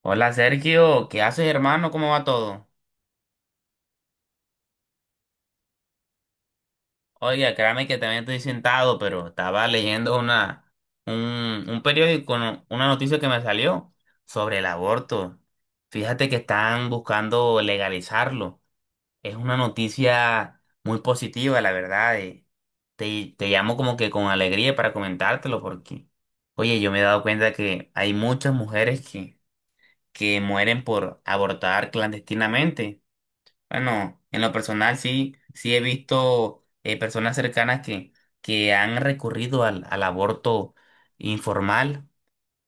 Hola Sergio, ¿qué haces, hermano? ¿Cómo va todo? Oiga, créame que también estoy sentado, pero estaba leyendo un periódico, una noticia que me salió sobre el aborto. Fíjate que están buscando legalizarlo. Es una noticia muy positiva, la verdad. Te llamo como que con alegría para comentártelo porque, oye, yo me he dado cuenta que hay muchas mujeres que mueren por abortar clandestinamente. Bueno, en lo personal sí, sí he visto personas cercanas que han recurrido al aborto informal,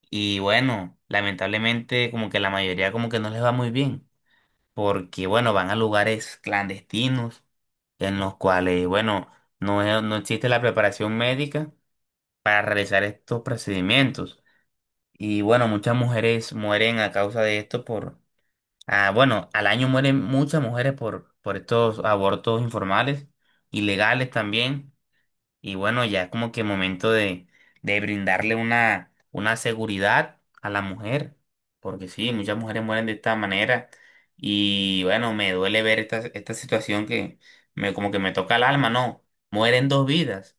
y bueno, lamentablemente como que la mayoría como que no les va muy bien, porque bueno, van a lugares clandestinos en los cuales, bueno, no, no existe la preparación médica para realizar estos procedimientos, y bueno, muchas mujeres mueren a causa de esto. Ah, bueno, al año mueren muchas mujeres por estos abortos informales, ilegales también, y bueno, ya como que momento de brindarle una seguridad a la mujer, porque sí, muchas mujeres mueren de esta manera, y bueno, me duele ver esta, esta situación que me, como que me toca el alma, no, mueren dos vidas,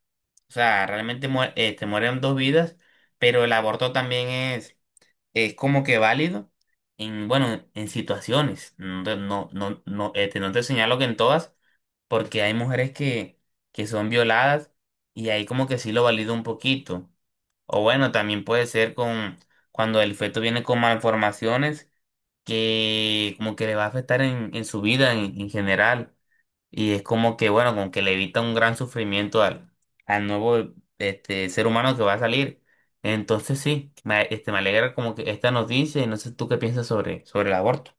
o sea, realmente mueren dos vidas, pero el aborto también es como que válido en, bueno, en situaciones. No, no, no, no, no te señalo que en todas, porque hay mujeres que son violadas, y ahí como que sí lo valido un poquito. O bueno, también puede ser con cuando el feto viene con malformaciones, que como que le va a afectar en su vida en general. Y es como que, bueno, como que le evita un gran sufrimiento al, al nuevo ser humano que va a salir. Entonces sí, me alegra como que esta noticia, y no sé tú qué piensas sobre, sobre el aborto.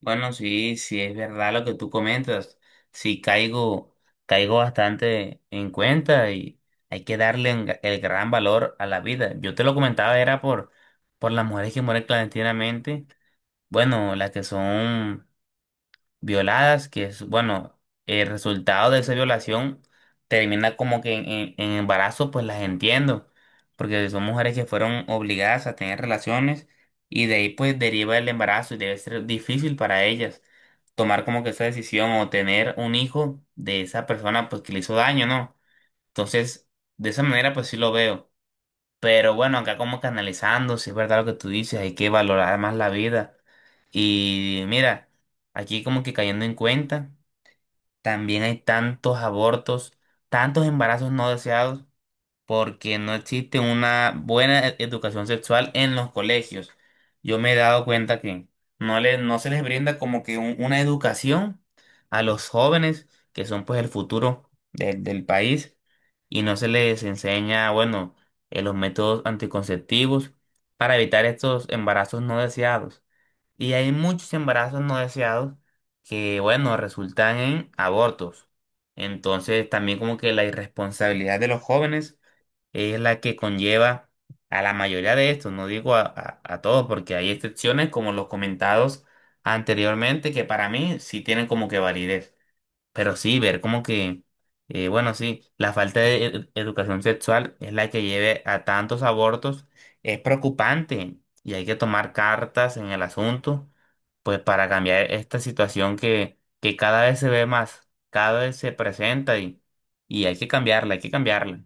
Bueno, sí, sí es verdad lo que tú comentas. Sí caigo, caigo bastante en cuenta, y hay que darle el gran valor a la vida. Yo te lo comentaba, era por las mujeres que mueren clandestinamente. Bueno, las que son violadas, que es, bueno, el resultado de esa violación termina como que en, en embarazo, pues las entiendo, porque son mujeres que fueron obligadas a tener relaciones, y de ahí pues deriva el embarazo, y debe ser difícil para ellas tomar como que esa decisión, o tener un hijo de esa persona pues que le hizo daño, ¿no? Entonces, de esa manera pues sí lo veo. Pero bueno, acá como canalizando, si es verdad lo que tú dices, hay que valorar más la vida, y mira, aquí como que cayendo en cuenta, también hay tantos abortos, tantos embarazos no deseados, porque no existe una buena educación sexual en los colegios. Yo me he dado cuenta que no se les brinda como que una educación a los jóvenes, que son pues el futuro del país, y no se les enseña, bueno, los métodos anticonceptivos para evitar estos embarazos no deseados. Y hay muchos embarazos no deseados que, bueno, resultan en abortos. Entonces, también como que la irresponsabilidad de los jóvenes es la que conlleva a la mayoría de estos, no digo a todos, porque hay excepciones como los comentados anteriormente que para mí sí tienen como que validez. Pero sí, ver como que, bueno, sí, la falta de educación sexual es la que lleve a tantos abortos, es preocupante, y hay que tomar cartas en el asunto pues para cambiar esta situación que cada vez se ve más, cada vez se presenta, y hay que cambiarla, hay que cambiarla.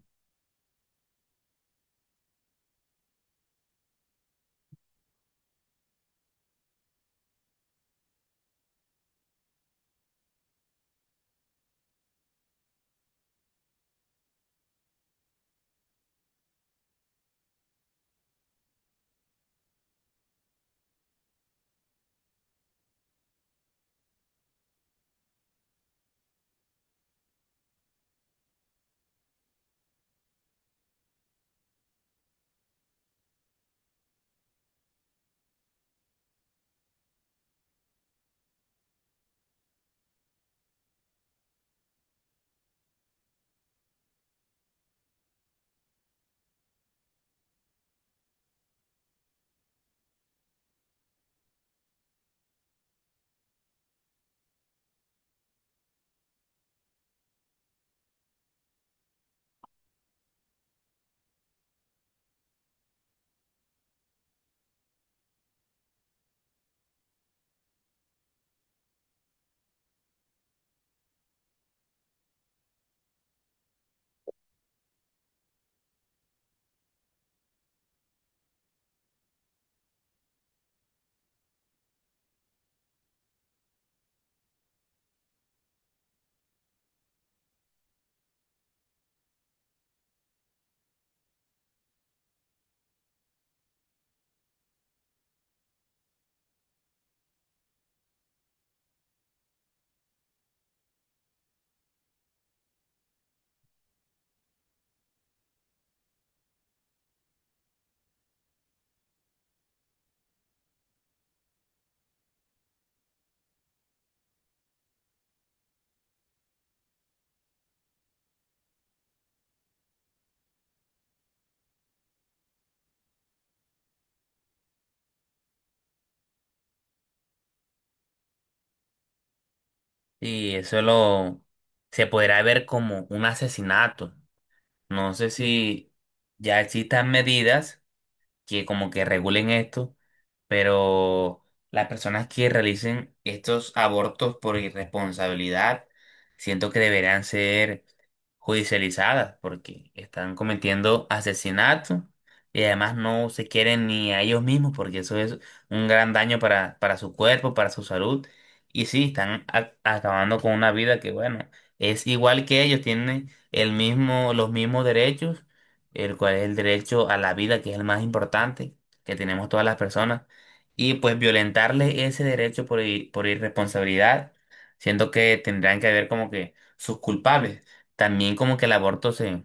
Y eso lo se podrá ver como un asesinato. No sé si ya existan medidas que como que regulen esto, pero las personas que realicen estos abortos por irresponsabilidad, siento que deberán ser judicializadas porque están cometiendo asesinato, y además no se quieren ni a ellos mismos, porque eso es un gran daño para su cuerpo, para su salud. Y sí, están acabando con una vida que, bueno, es igual que ellos, tienen el mismo, los mismos derechos, el cual es el derecho a la vida, que es el más importante que tenemos todas las personas, y pues violentarle ese derecho por, por irresponsabilidad, siento que tendrán que haber como que sus culpables. También como que el aborto se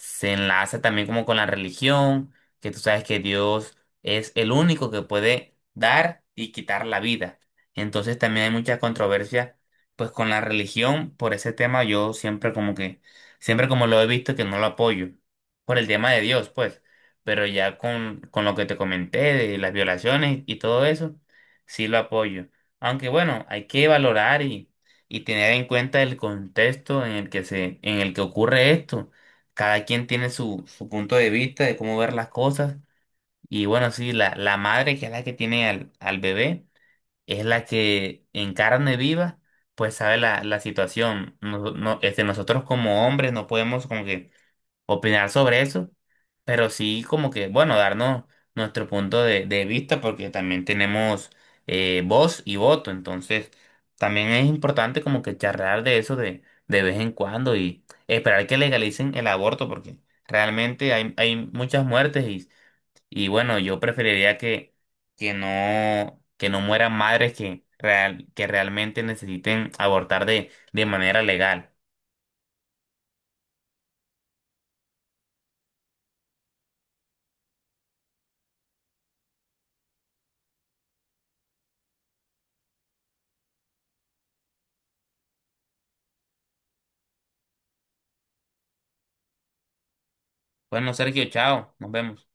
se enlaza también como con la religión, que tú sabes que Dios es el único que puede dar y quitar la vida. Entonces también hay mucha controversia pues con la religión. Por ese tema yo siempre como que siempre como lo he visto que no lo apoyo, por el tema de Dios, pues, pero ya con lo que te comenté de las violaciones y todo eso, sí lo apoyo. Aunque bueno, hay que valorar y tener en cuenta el contexto en el que se en el que ocurre esto. Cada quien tiene su, su punto de vista de cómo ver las cosas. Y bueno, sí, la madre, que es la que tiene al, al bebé, es la que en carne viva, pues sabe la, la situación. Nosotros como hombres no podemos como que opinar sobre eso, pero sí como que, bueno, darnos nuestro punto de vista, porque también tenemos voz y voto, entonces también es importante como que charlar de eso de vez en cuando, y esperar que legalicen el aborto, porque realmente hay, hay muchas muertes y bueno, yo preferiría que no mueran madres que, real, que realmente necesiten abortar de manera legal. Bueno, Sergio, chao, nos vemos.